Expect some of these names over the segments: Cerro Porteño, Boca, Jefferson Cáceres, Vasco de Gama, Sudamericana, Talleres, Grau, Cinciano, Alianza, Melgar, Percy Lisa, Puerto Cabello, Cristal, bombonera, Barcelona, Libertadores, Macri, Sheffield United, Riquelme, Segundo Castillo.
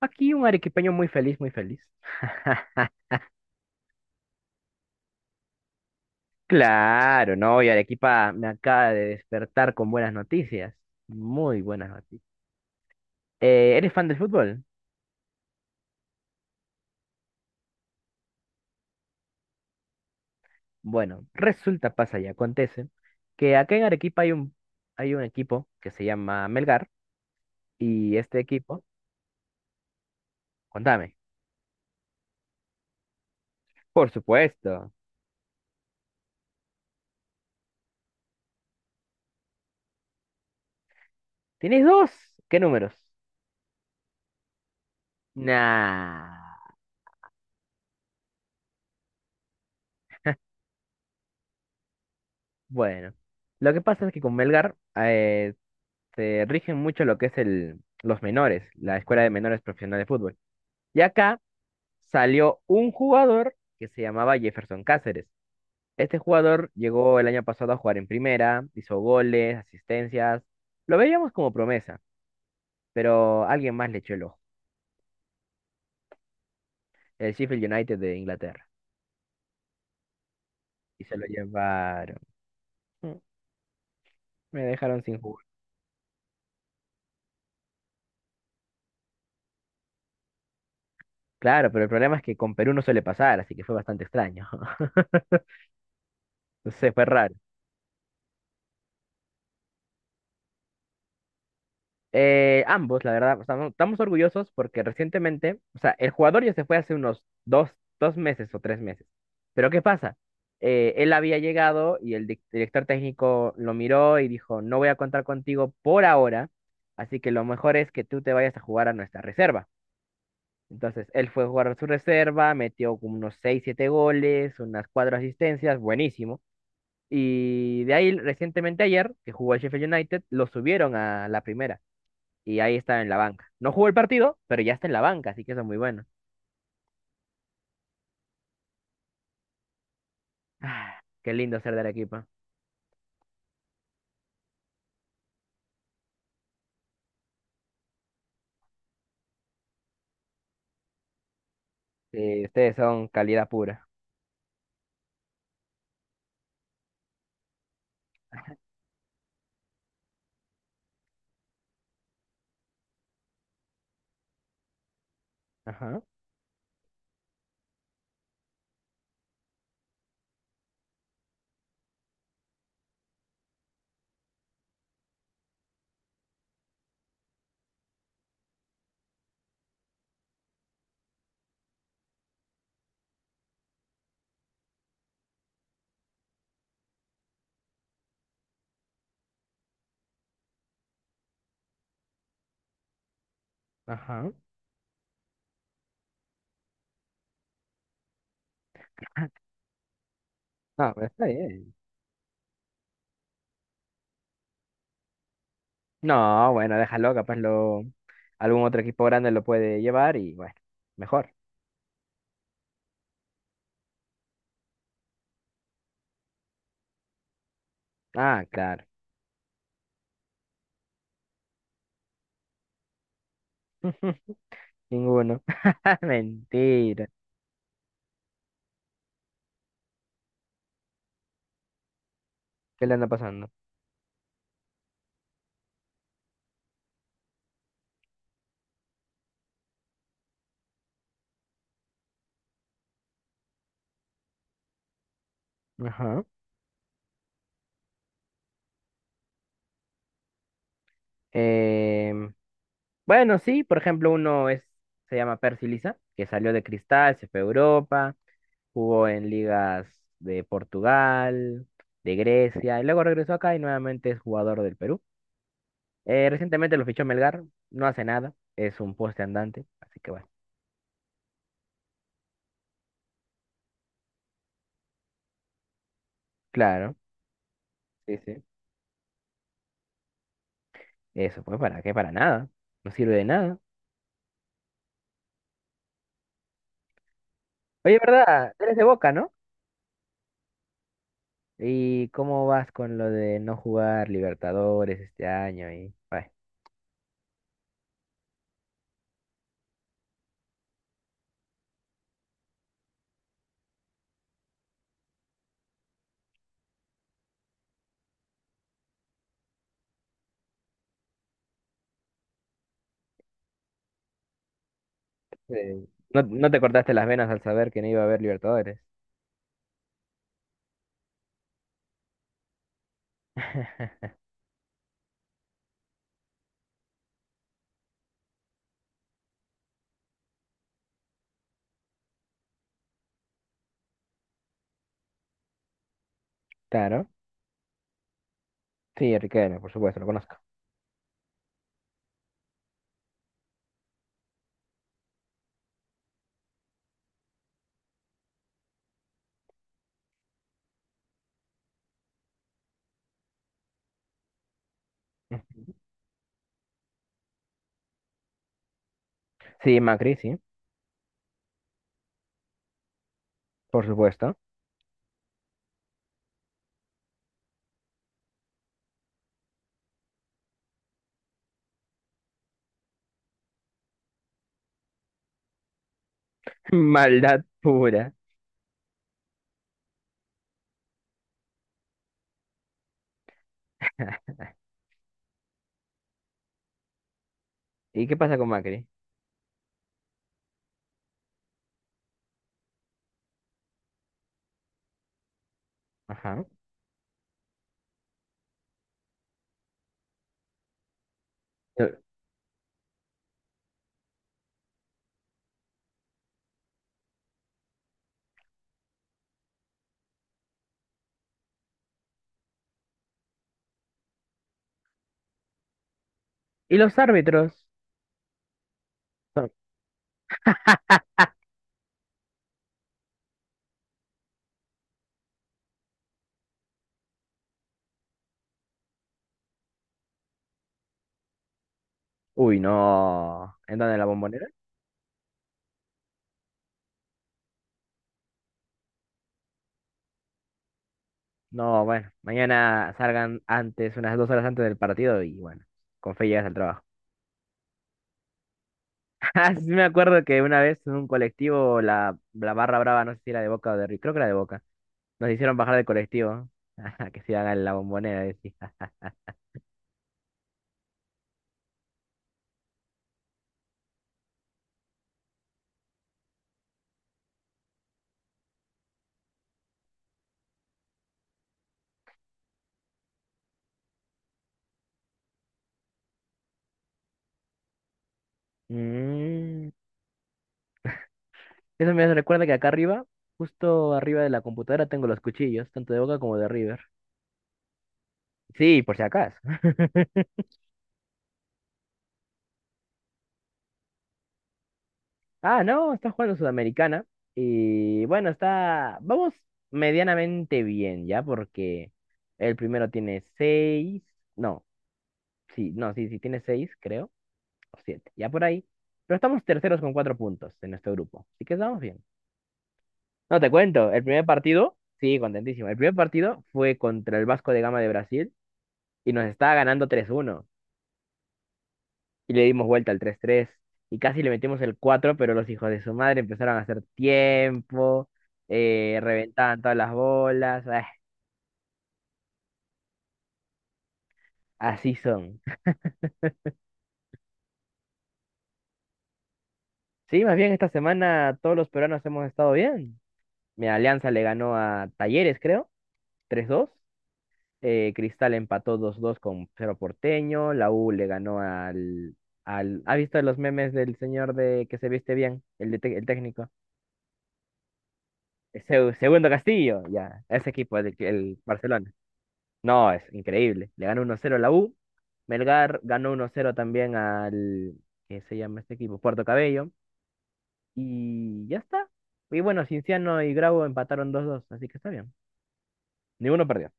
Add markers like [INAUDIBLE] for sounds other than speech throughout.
Aquí un arequipeño muy feliz, muy feliz. [LAUGHS] Claro, no, y Arequipa me acaba de despertar con buenas noticias. Muy buenas noticias. ¿Eres fan del fútbol? Bueno, resulta, pasa y acontece que acá en Arequipa hay un equipo que se llama Melgar y este equipo, contame. Por supuesto. ¿Tienes dos? ¿Qué números? Nah. Bueno, lo que pasa es que con Melgar, se rigen mucho lo que es los menores, la Escuela de Menores Profesional de Fútbol. Y acá salió un jugador que se llamaba Jefferson Cáceres. Este jugador llegó el año pasado a jugar en primera, hizo goles, asistencias. Lo veíamos como promesa, pero alguien más le echó el ojo. El Sheffield United de Inglaterra. Y se lo llevaron. Mm. Me dejaron sin jugar. Claro, pero el problema es que con Perú no suele pasar, así que fue bastante extraño. [LAUGHS] No sé, fue raro. Ambos, la verdad, estamos orgullosos porque recientemente, o sea, el jugador ya se fue hace unos dos meses o 3 meses. Pero ¿qué pasa? Él había llegado y el director técnico lo miró y dijo, no voy a contar contigo por ahora, así que lo mejor es que tú te vayas a jugar a nuestra reserva. Entonces, él fue a jugar a su reserva, metió como unos seis, siete goles, unas cuatro asistencias, buenísimo. Y de ahí, recientemente ayer, que jugó el Sheffield United, lo subieron a la primera y ahí está en la banca. No jugó el partido, pero ya está en la banca, así que eso es muy bueno. Ah, qué lindo ser de Arequipa. Sí, ustedes son calidad pura. Ajá, ajá. [LAUGHS] No pues está bien. No, bueno, déjalo, capaz lo algún otro equipo grande lo puede llevar y bueno, mejor. Ah, claro. [LAUGHS] Ninguno. [LAUGHS] Mentira. ¿Qué le anda pasando? Ajá. Em, bueno, sí, por ejemplo, se llama Percy Lisa, que salió de Cristal, se fue a Europa, jugó en ligas de Portugal, de Grecia, y luego regresó acá y nuevamente es jugador del Perú. Recientemente lo fichó Melgar, no hace nada, es un poste andante, así que bueno. Claro, sí, sí. Eso fue para qué, para nada, no sirve de nada. Oye, ¿verdad? Eres de Boca, ¿no? ¿Y cómo vas con lo de no jugar Libertadores este año? Y, bueno, eh, no, no te cortaste las venas al saber que no iba a haber Libertadores. [LAUGHS] Claro, sí, Riquelme, por supuesto, lo conozco. Ujú. Sí, Macri, sí. Por supuesto. [LAUGHS] Maldad pura. [LAUGHS] ¿Y qué pasa con Macri? Ajá. ¿Y los árbitros? Son- Uy, no. ¿En dónde? ¿En la bombonera? No, bueno. Mañana salgan antes, unas 2 horas antes del partido y bueno, con fe llegas al trabajo. [LAUGHS] Ah, sí me acuerdo que una vez en un colectivo, la barra brava, no sé si era de Boca o de River, creo que era de Boca, nos hicieron bajar del colectivo. [LAUGHS] Ajá, que se iban a la bombonera, decía. [LAUGHS] Mm. Eso me recuerda que acá arriba, justo arriba de la computadora, tengo los cuchillos, tanto de Boca como de River. Sí, por si acaso. [LAUGHS] Ah, no, está jugando Sudamericana. Y bueno, está. Vamos medianamente bien, ¿ya? Porque el primero tiene seis. No, sí, no, sí, sí, tiene seis, creo. O siete, ya por ahí. Pero estamos terceros con 4 puntos en nuestro grupo. Así que estamos bien. No, te cuento, el primer partido. Sí, contentísimo. El primer partido fue contra el Vasco de Gama de Brasil y nos estaba ganando 3-1 y le dimos vuelta al 3-3 y casi le metimos el 4 pero los hijos de su madre empezaron a hacer tiempo, reventaban todas las bolas, ah, así son. Sí, más bien esta semana todos los peruanos hemos estado bien. Mi Alianza le ganó a Talleres, creo, 3-2. Cristal empató 2-2 con Cerro Porteño. La U le ganó al. ¿Ha visto los memes del señor de que se viste bien? El técnico. Segundo Castillo, ya. Ese equipo, el Barcelona. No, es increíble. Le ganó 1-0 a la U. Melgar ganó 1-0 también al, ¿qué se llama este equipo? Puerto Cabello. Y ya está. Y bueno, Cinciano y Grau empataron 2-2 así que está bien. Ninguno perdió.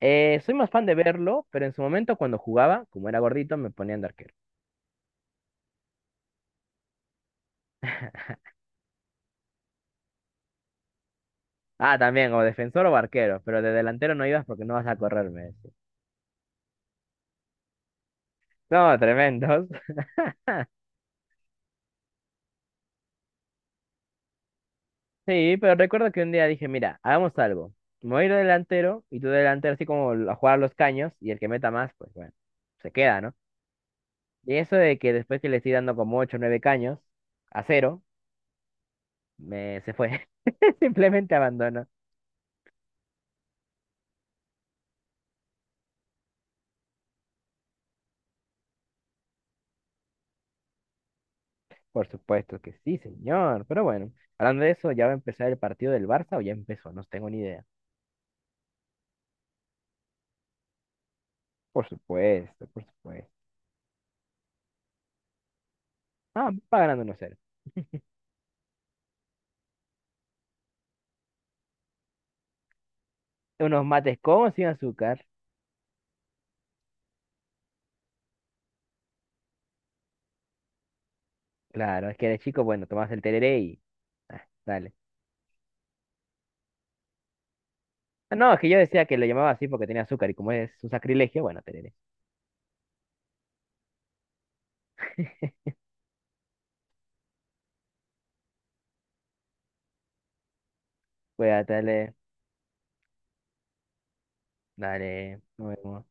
Soy más fan de verlo, pero en su momento cuando jugaba, como era gordito, me ponían de arquero. Ah, también, o defensor o arquero, pero de delantero no ibas porque no vas a correr, me decía. No, tremendos. Sí, pero recuerdo que un día dije, mira, hagamos algo. Me voy a ir de delantero y tú de delantero así como a jugar a los caños y el que meta más, pues bueno, se queda, ¿no? Y eso de que después que le estoy dando como 8, o 9 caños a cero, me se fue. [LAUGHS] Simplemente abandonó. Por supuesto que sí, señor. Pero bueno, hablando de eso, ¿ya va a empezar el partido del Barça o ya empezó? No tengo ni idea. Por supuesto, por supuesto. Ah, va ganando 1-0. Unos mates con o sin azúcar. Claro, es que de chico, bueno, tomás el tereré y, ah, dale. No, es que yo decía que le llamaba así porque tenía azúcar y como es un sacrilegio, bueno, te diré. Voy a darle, dale, nuevo.